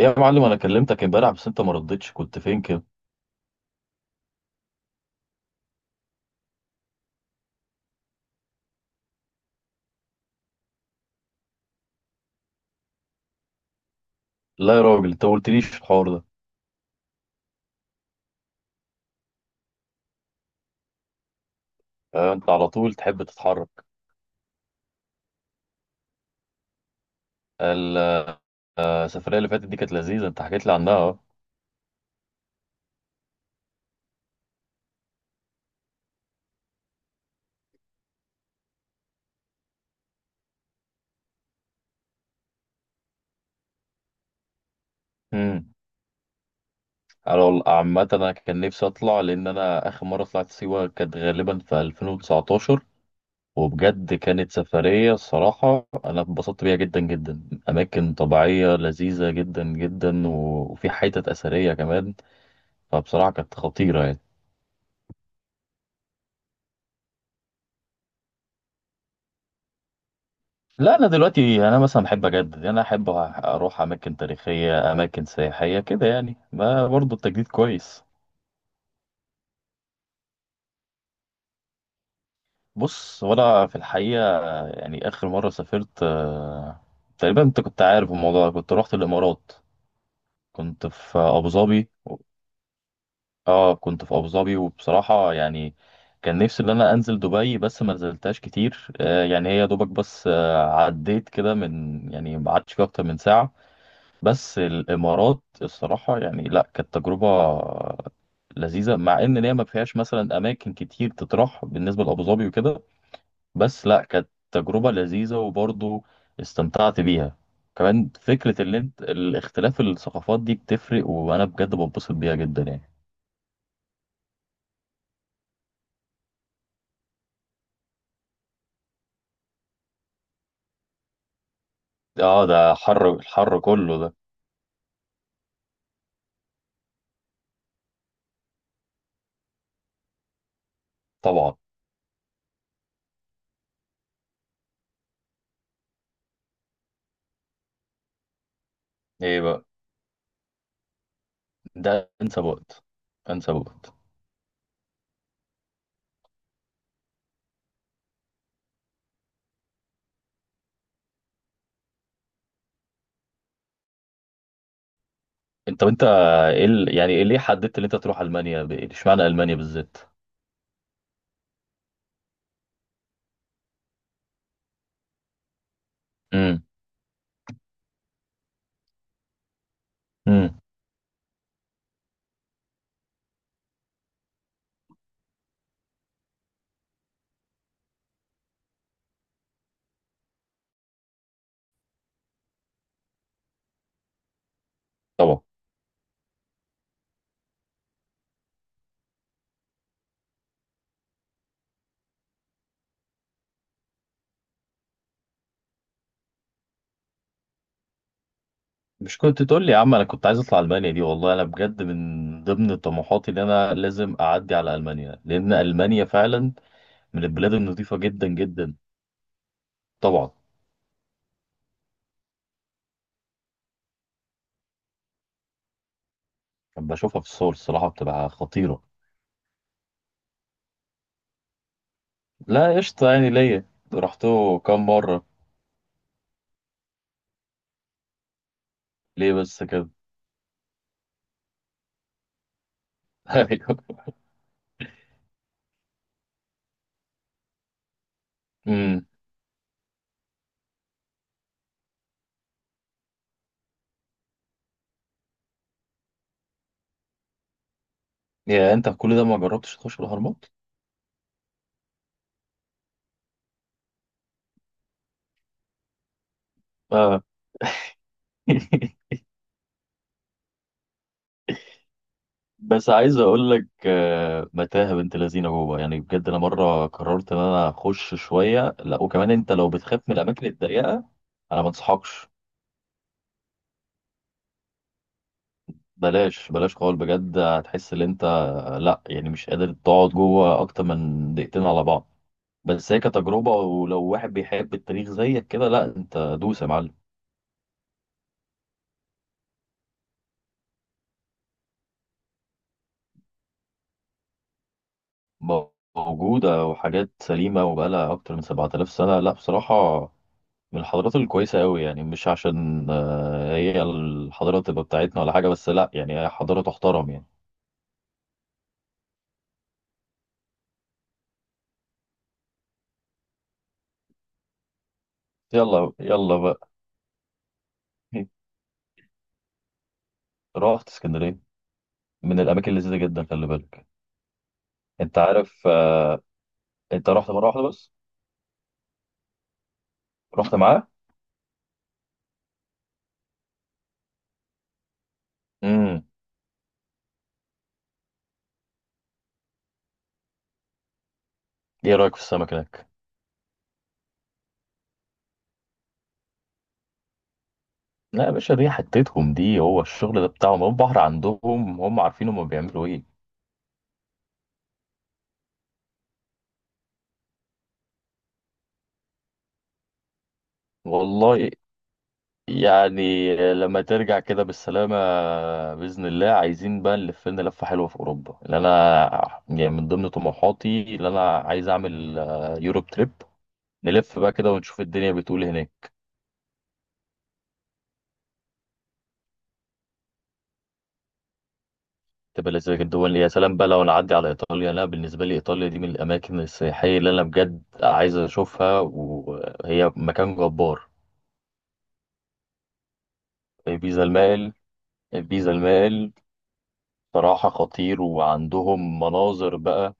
يا معلم، انا كلمتك امبارح بس انت ما ردتش. كنت فين كده؟ لا يا راجل، انت ما قلتليش الحوار ده. انت على طول تحب تتحرك. ال- السفريه اللي فاتت دي كانت لذيذه، انت حكيت لي عنها، اه. امم. على عامه انا كان نفسي اطلع، لان انا اخر مره طلعت سيوه كانت غالبا في 2019. وبجد كانت سفريه، الصراحه انا اتبسطت بيها جدا جدا. اماكن طبيعيه لذيذه جدا جدا، وفي حتت اثريه كمان. فبصراحه كانت خطيره يعني. لا انا دلوقتي انا مثلا بحب اجدد، يعني انا احب اروح اماكن تاريخيه، اماكن سياحيه كده، يعني ما برضه التجديد كويس. بص، وانا في الحقيقه يعني اخر مره سافرت، تقريبا انت كنت عارف الموضوع ده. كنت رحت الامارات. كنت في ابو ظبي. اه كنت في ابو ظبي، وبصراحه يعني كان نفسي ان انا انزل دبي، بس ما نزلتهاش كتير. يعني هي دوبك بس، عديت كده من، يعني ما قعدتش فيها اكتر من ساعه. بس الامارات الصراحه يعني، لا كانت تجربه لذيذه، مع ان هي ما فيهاش مثلا اماكن كتير تطرح بالنسبه لابو ظبي وكده. بس لا كانت تجربه لذيذه، وبرضه استمتعت بيها. كمان فكره اللي انت الاختلاف الثقافات دي بتفرق، وانا بجد بنبسط بيها جدا يعني. اه ده حر، الحر كله ده. طبعا. ايه بقى. ده انسب وقت. انسب وقت. انت، وانت ايه يعني إيه ليه حددت ان انت تروح المانيا، اشمعنى المانيا بالذات؟ امم. طبعا. مش كنت تقول لي يا عم؟ انا كنت عايز اطلع المانيا دي، والله انا بجد من ضمن طموحاتي ان انا لازم اعدي على المانيا، لان المانيا فعلا من البلاد النظيفه جدا جدا. طبعا. لما بشوفها في الصور الصراحه بتبقى خطيره. لا قشطه يعني ليا. رحته كام مره؟ ليه بس كده؟ ايوه. امم. يا انت كل ده ما جربتش تخش الاهرامات؟ اه. بس عايز اقول لك، متاهه بنت لذينه جوه، يعني بجد انا مره قررت ان انا اخش شويه، لا وكمان انت لو بتخاف من الاماكن الضيقه انا ما انصحكش. بلاش بلاش خالص، بجد هتحس ان انت، لا يعني مش قادر تقعد جوه اكتر من دقيقتين على بعض. بس هي كتجربه، ولو واحد بيحب التاريخ زيك كده، لا انت دوس يا معلم. موجوده وحاجات سليمه، وبقالها اكتر من 7000 سنه. لا بصراحه من الحضارات الكويسة أوي، يعني مش عشان هي الحضارة تبقى بتاعتنا ولا حاجة، بس لأ يعني هي حضارة تحترم يعني. يلا يلا بقى. رحت اسكندرية؟ من الأماكن اللذيذة جدا، خلي بالك. أنت عارف، أنت رحت مرة واحدة بس؟ رحت معاه. امم. إيه رأيك في السمك هناك؟ لا يا باشا، دي حتتهم دي، هو الشغل ده بتاعهم، هو البحر عندهم. هم عارفين هم بيعملوا إيه. والله يعني لما ترجع كده بالسلامة، بإذن الله، عايزين بقى نلف لنا لفة حلوة في أوروبا. اللي أنا يعني من ضمن طموحاتي اللي أنا عايز أعمل، يوروب تريب، نلف بقى كده ونشوف الدنيا بتقول إيه هناك. تبقى لذيذة جدا الدول. يا سلام بقى لو نعدي على إيطاليا، لا بالنسبة لي إيطاليا دي من الأماكن السياحية اللي أنا بجد عايز أشوفها، وهي مكان جبار. بيزا المائل. البيزا المائل، صراحة خطير، وعندهم مناظر بقى.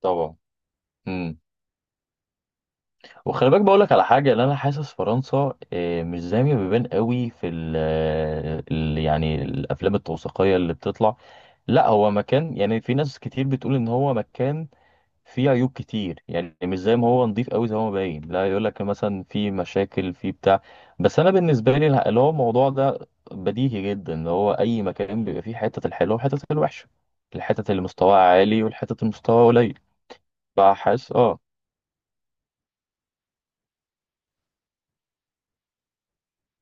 طبعا. مم. وخلي بالك بقول لك على حاجه، اللي انا حاسس فرنسا، مش زي ما بيبان قوي في يعني الافلام التوثيقيه اللي بتطلع. لا هو مكان يعني في ناس كتير بتقول ان هو مكان فيه عيوب كتير، يعني مش زي ما هو نظيف قوي زي ما هو باين، لا يقول لك مثلا في مشاكل في بتاع. بس انا بالنسبه لي اللي هو الموضوع ده بديهي جدا، اللي هو اي مكان بيبقى فيه حته الحلوه وحته الوحشه، الحتت اللي مستواها عالي والحتت اللي مستواها قليل. فحاسس، اه.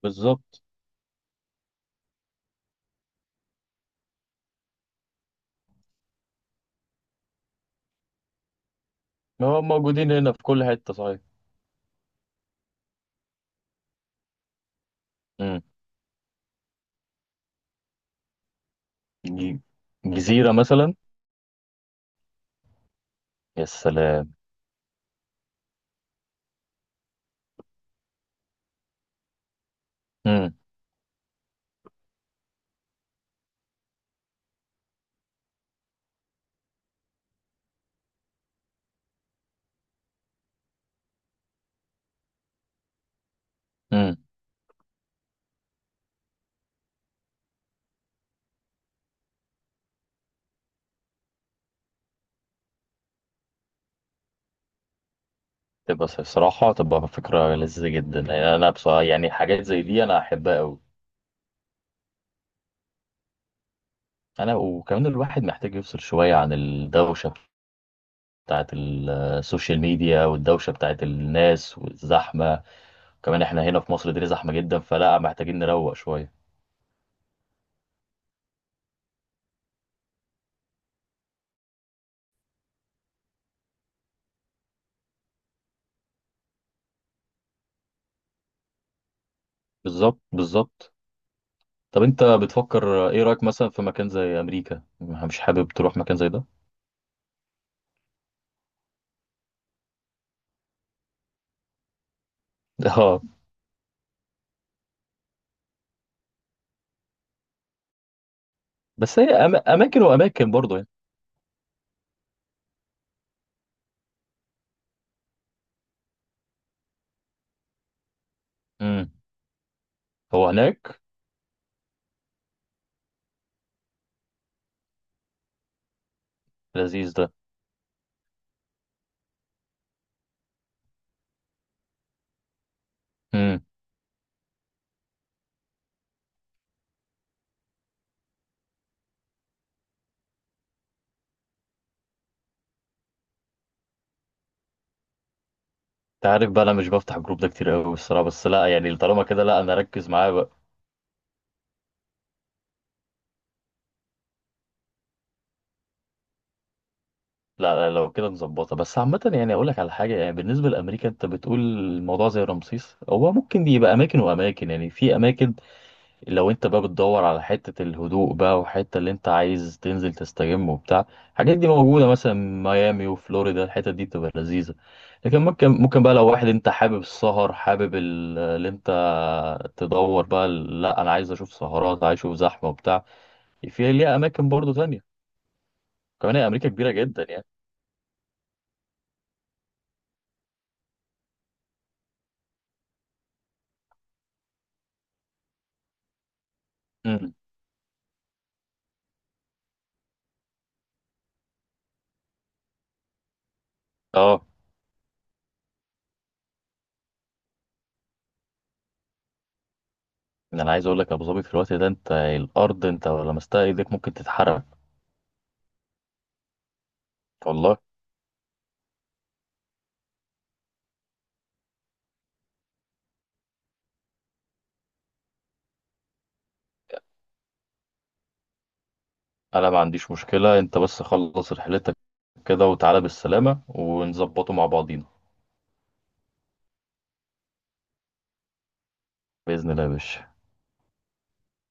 بالظبط. هو موجودين هنا في كل حتة، صحيح. امم. ج- جزيرة مثلا. يا سلام. امم. امم. تبقى صراحة تبقى فكرة لذيذة جدا، يعني أنا بصراحة يعني حاجات زي دي أنا أحبها أوي. أنا وكمان الواحد محتاج يفصل شوية عن الدوشة بتاعت السوشيال ميديا، والدوشة بتاعت الناس والزحمة. كمان إحنا هنا في مصر الدنيا زحمة جدا، فلا محتاجين نروق شوية. بالظبط بالظبط. طب أنت بتفكر إيه رأيك مثلا في مكان زي أمريكا؟ مش حابب تروح مكان زي ده؟ بس هي اماكن واماكن برضه يعني. امم. هو هناك. لذيذ ده. امم. انت عارف بقى انا مش بفتح الجروب ده كتير قوي الصراحه، بس لا يعني طالما كده، لا انا اركز معاه بقى. لا لا، لو كده مظبطه. بس عامه يعني اقول لك على حاجه، يعني بالنسبه لامريكا، انت بتقول الموضوع زي رمسيس، هو ممكن دي يبقى اماكن واماكن يعني. في اماكن لو انت بقى بتدور على حتة الهدوء بقى، وحتة اللي انت عايز تنزل تستجم وبتاع، الحاجات دي موجودة، مثلا ميامي وفلوريدا، الحتة دي بتبقى لذيذة. لكن ممكن ممكن بقى لو واحد انت حابب السهر، حابب اللي انت، تدور بقى، لا انا عايز اشوف سهرات، عايز اشوف زحمة وبتاع، في ليها اماكن برضو تانية. كمان هي امريكا كبيرة جدا يعني. امم. اه. يعني انا عايز اقول لك، ابو ظبي في الوقت ده انت الارض انت لو لمستها ايدك ممكن تتحرق. والله انا ما عنديش مشكلة. انت بس خلص رحلتك كده وتعالى بالسلامة، ونظبطه مع بعضينا. بإذن الله يا باشا.